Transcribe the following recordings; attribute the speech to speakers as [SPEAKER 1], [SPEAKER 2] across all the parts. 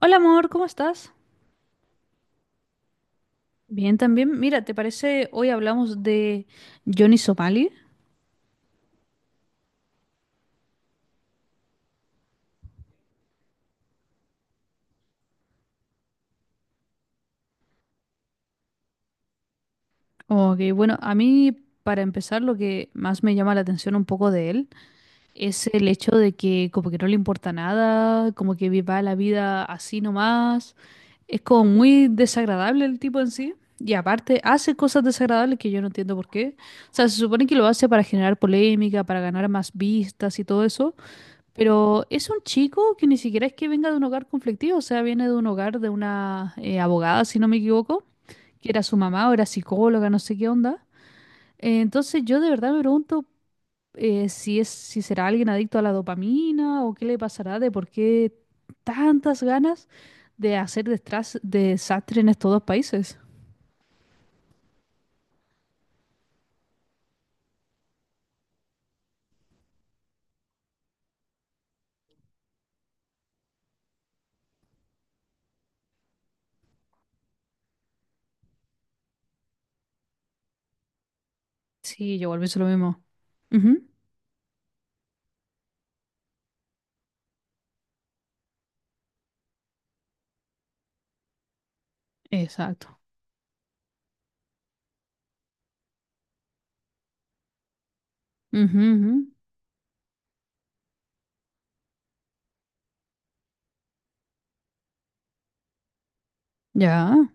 [SPEAKER 1] Hola amor, ¿cómo estás? Bien también. Mira, ¿te parece hoy hablamos de Johnny Somali? Ok, bueno, a mí para empezar lo que más me llama la atención un poco de él es el hecho de que como que no le importa nada, como que viva la vida así nomás. Es como muy desagradable el tipo en sí. Y aparte hace cosas desagradables que yo no entiendo por qué. O sea, se supone que lo hace para generar polémica, para ganar más vistas y todo eso. Pero es un chico que ni siquiera es que venga de un hogar conflictivo, o sea, viene de un hogar de una abogada, si no me equivoco, que era su mamá o era psicóloga, no sé qué onda. Entonces yo de verdad me pregunto si es, si será alguien adicto a la dopamina o qué le pasará de por qué tantas ganas de hacer desastre en estos dos países. Sí, yo igual pienso lo mismo. Ujú. Exacto. Ujú, ujú. Ya.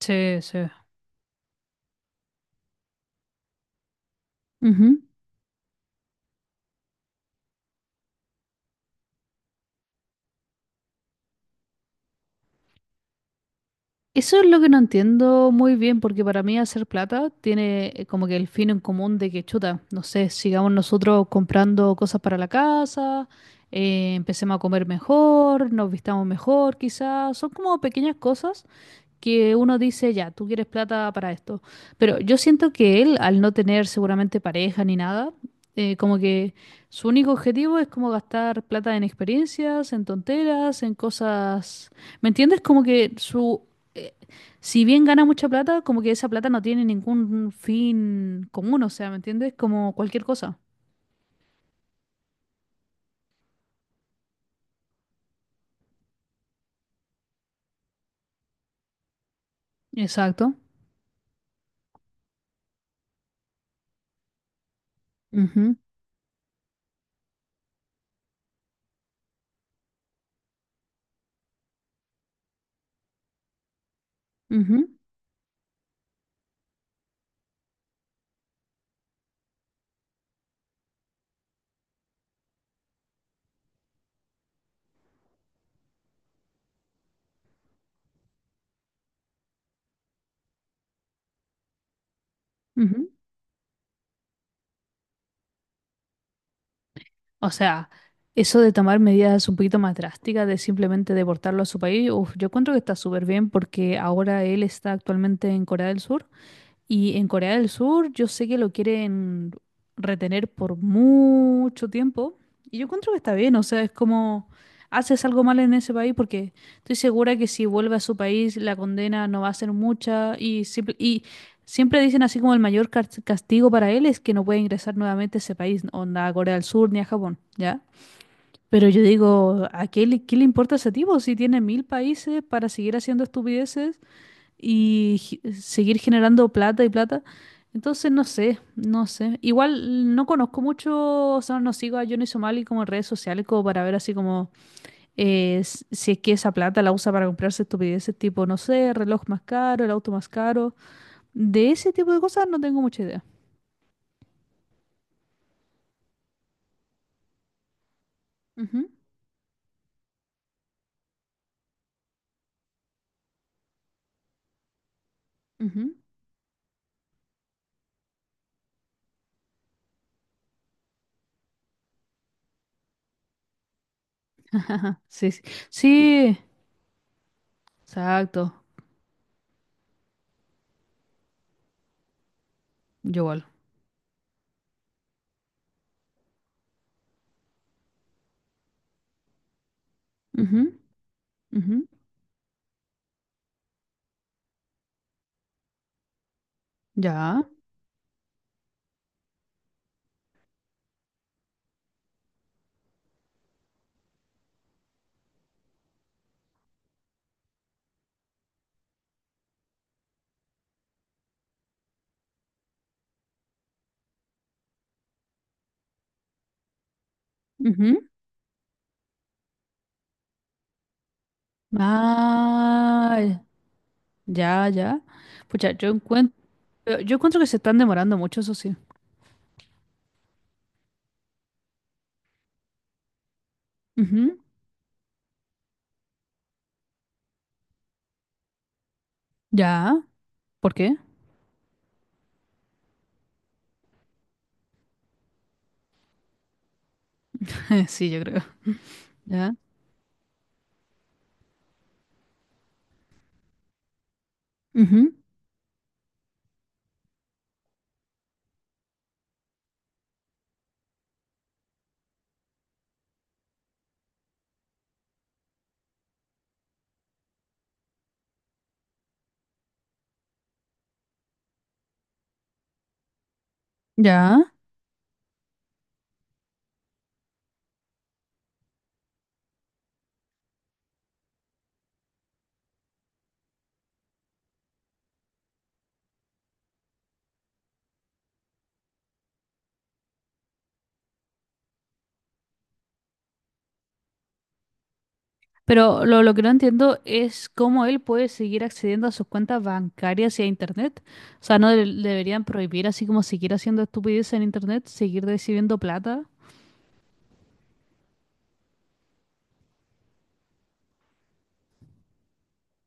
[SPEAKER 1] Sí, sí. Eso es lo que no entiendo muy bien, porque para mí hacer plata tiene como que el fin en común de que chuta, no sé, sigamos nosotros comprando cosas para la casa, empecemos a comer mejor, nos vistamos mejor, quizás, son como pequeñas cosas que uno dice, ya, tú quieres plata para esto. Pero yo siento que él, al no tener seguramente pareja ni nada, como que su único objetivo es como gastar plata en experiencias, en tonteras, en cosas. ¿Me entiendes? Como que su… eh, si bien gana mucha plata, como que esa plata no tiene ningún fin común, o sea, ¿me entiendes? Como cualquier cosa. Exacto. Ujú, ujú, ujú. O sea, eso de tomar medidas un poquito más drásticas, de simplemente deportarlo a su país, uf, yo encuentro que está súper bien porque ahora él está actualmente en Corea del Sur. Y en Corea del Sur yo sé que lo quieren retener por mucho tiempo. Y yo encuentro que está bien, o sea, es como haces algo mal en ese país porque estoy segura que si vuelve a su país la condena no va a ser mucha. Y, y siempre dicen así como el mayor castigo para él es que no puede ingresar nuevamente a ese país, onda a Corea del Sur ni a Japón, ¿ya? Pero yo digo, ¿qué le importa a ese tipo si tiene 1000 países para seguir haciendo estupideces? Y seguir generando plata y plata. Entonces, no sé, no sé. Igual no conozco mucho, o sea, no sigo a Johnny Somali como en redes sociales, como para ver así como si es que esa plata la usa para comprarse estupideces tipo, no sé, reloj más caro, el auto más caro. De ese tipo de cosas no tengo mucha idea. Ujú, ujú. Sí, sí, sí, exacto. Yo igual. Ujú, ujú. Ya. Ujú. Ah, ya, ya. Pucha, yo encuentro. Pero yo encuentro que se están demorando mucho, eso sí. Ujú. Ya. ¿Por qué? Sí, yo creo. Ya. Ujú. Ya. Pero lo que no entiendo es cómo él puede seguir accediendo a sus cuentas bancarias y a internet. O sea, ¿no deberían prohibir así como seguir haciendo estupideces en internet, seguir recibiendo plata?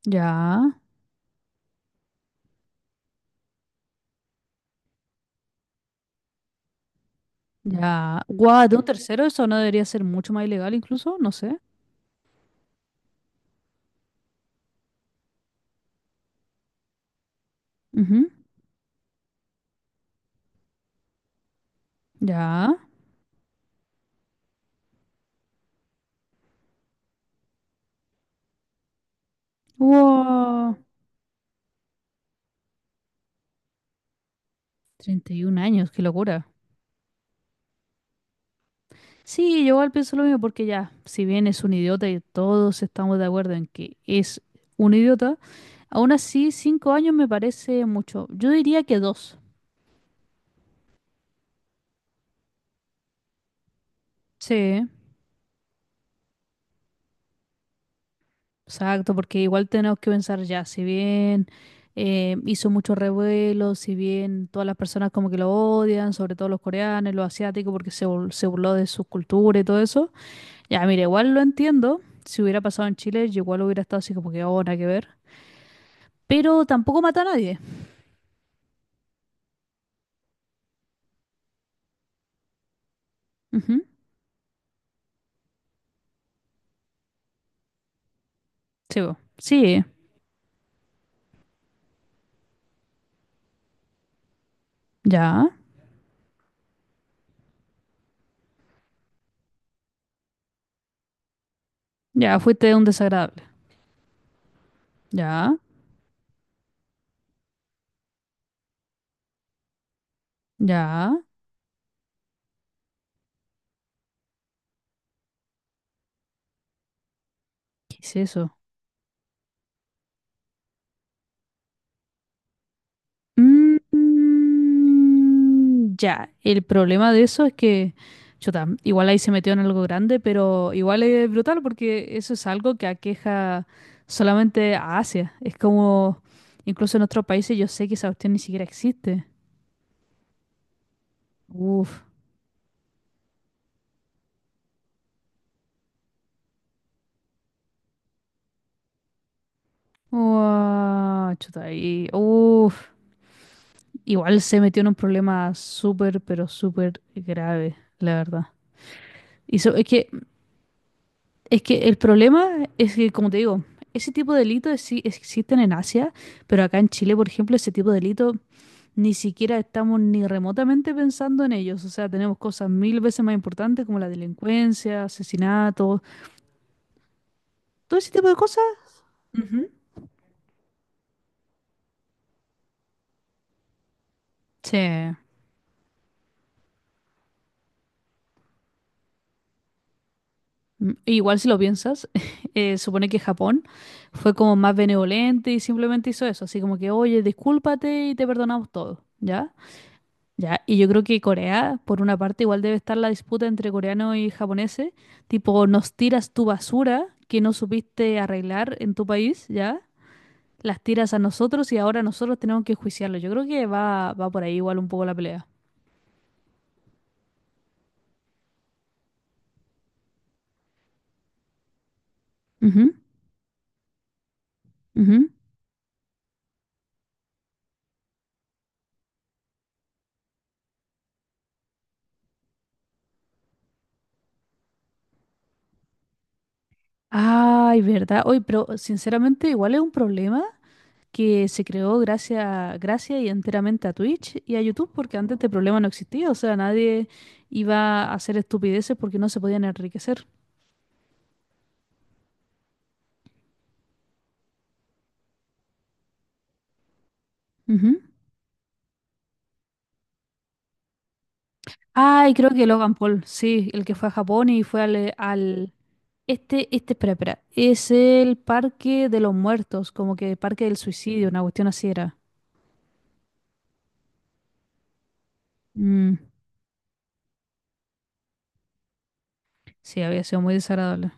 [SPEAKER 1] Ya. Ya. Guau, de un tercero eso no debería ser mucho más ilegal incluso, no sé. Ujú. Ya. Wow. 31 años, qué locura. Sí, yo igual pienso lo mismo porque ya, si bien es un idiota y todos estamos de acuerdo en que es un idiota, aún así 5 años me parece mucho. Yo diría que dos. Sí, exacto, porque igual tenemos que pensar ya, si bien hizo mucho revuelo, si bien todas las personas como que lo odian, sobre todo los coreanos, los asiáticos, porque se, se burló de su cultura y todo eso. Ya, mira, igual lo entiendo. Si hubiera pasado en Chile, yo igual hubiera estado así como que ahora que ver. Pero tampoco mata a nadie. Ujú. Sí, po. Sí, ya, ya, fuiste un desagradable. Ya, ya, ¿qué es eso? Mm, mm, ya, el problema de eso es que, chuta, igual ahí se metió en algo grande, pero igual es brutal porque eso es algo que aqueja solamente a Asia. Es como, incluso en otros países yo sé que esa cuestión ni siquiera existe. Uf, uah, chuta, ahí, uf. Igual se metió en un problema súper, pero súper grave, la verdad. Y es que el problema es que, como te digo, ese tipo de delitos sí existen en Asia, pero acá en Chile, por ejemplo, ese tipo de delitos ni siquiera estamos ni remotamente pensando en ellos. O sea, tenemos cosas 1000 veces más importantes como la delincuencia, asesinatos, todo ese tipo de cosas. Ujú. Sí. Mm. Igual si lo piensas, supone que Japón fue como más benevolente y simplemente hizo eso, así como que, oye, discúlpate y te perdonamos todo, ¿ya? Ya, y yo creo que Corea, por una parte, igual debe estar la disputa entre coreanos y japoneses, tipo, nos tiras tu basura que no supiste arreglar en tu país, ¿ya? Las tiras a nosotros y ahora nosotros tenemos que juiciarlo. Yo creo que va, va por ahí igual un poco la pelea. Ujú, ujú. Ay, ¿verdad? Oye, pero sinceramente igual es un problema que se creó gracias, gracias y enteramente a Twitch y a YouTube, porque antes este problema no existía, o sea, nadie iba a hacer estupideces porque no se podían enriquecer. Ujú. Ah, creo que Logan Paul, sí, el que fue a Japón y fue este, este, espera, espera, es el Parque de los Muertos, como que Parque del Suicidio, una cuestión así era. Mm, sí, había sido muy desagradable.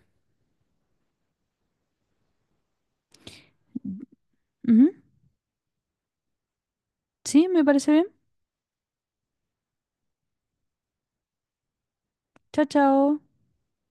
[SPEAKER 1] Ujú. Sí, me parece bien. Chao, chao.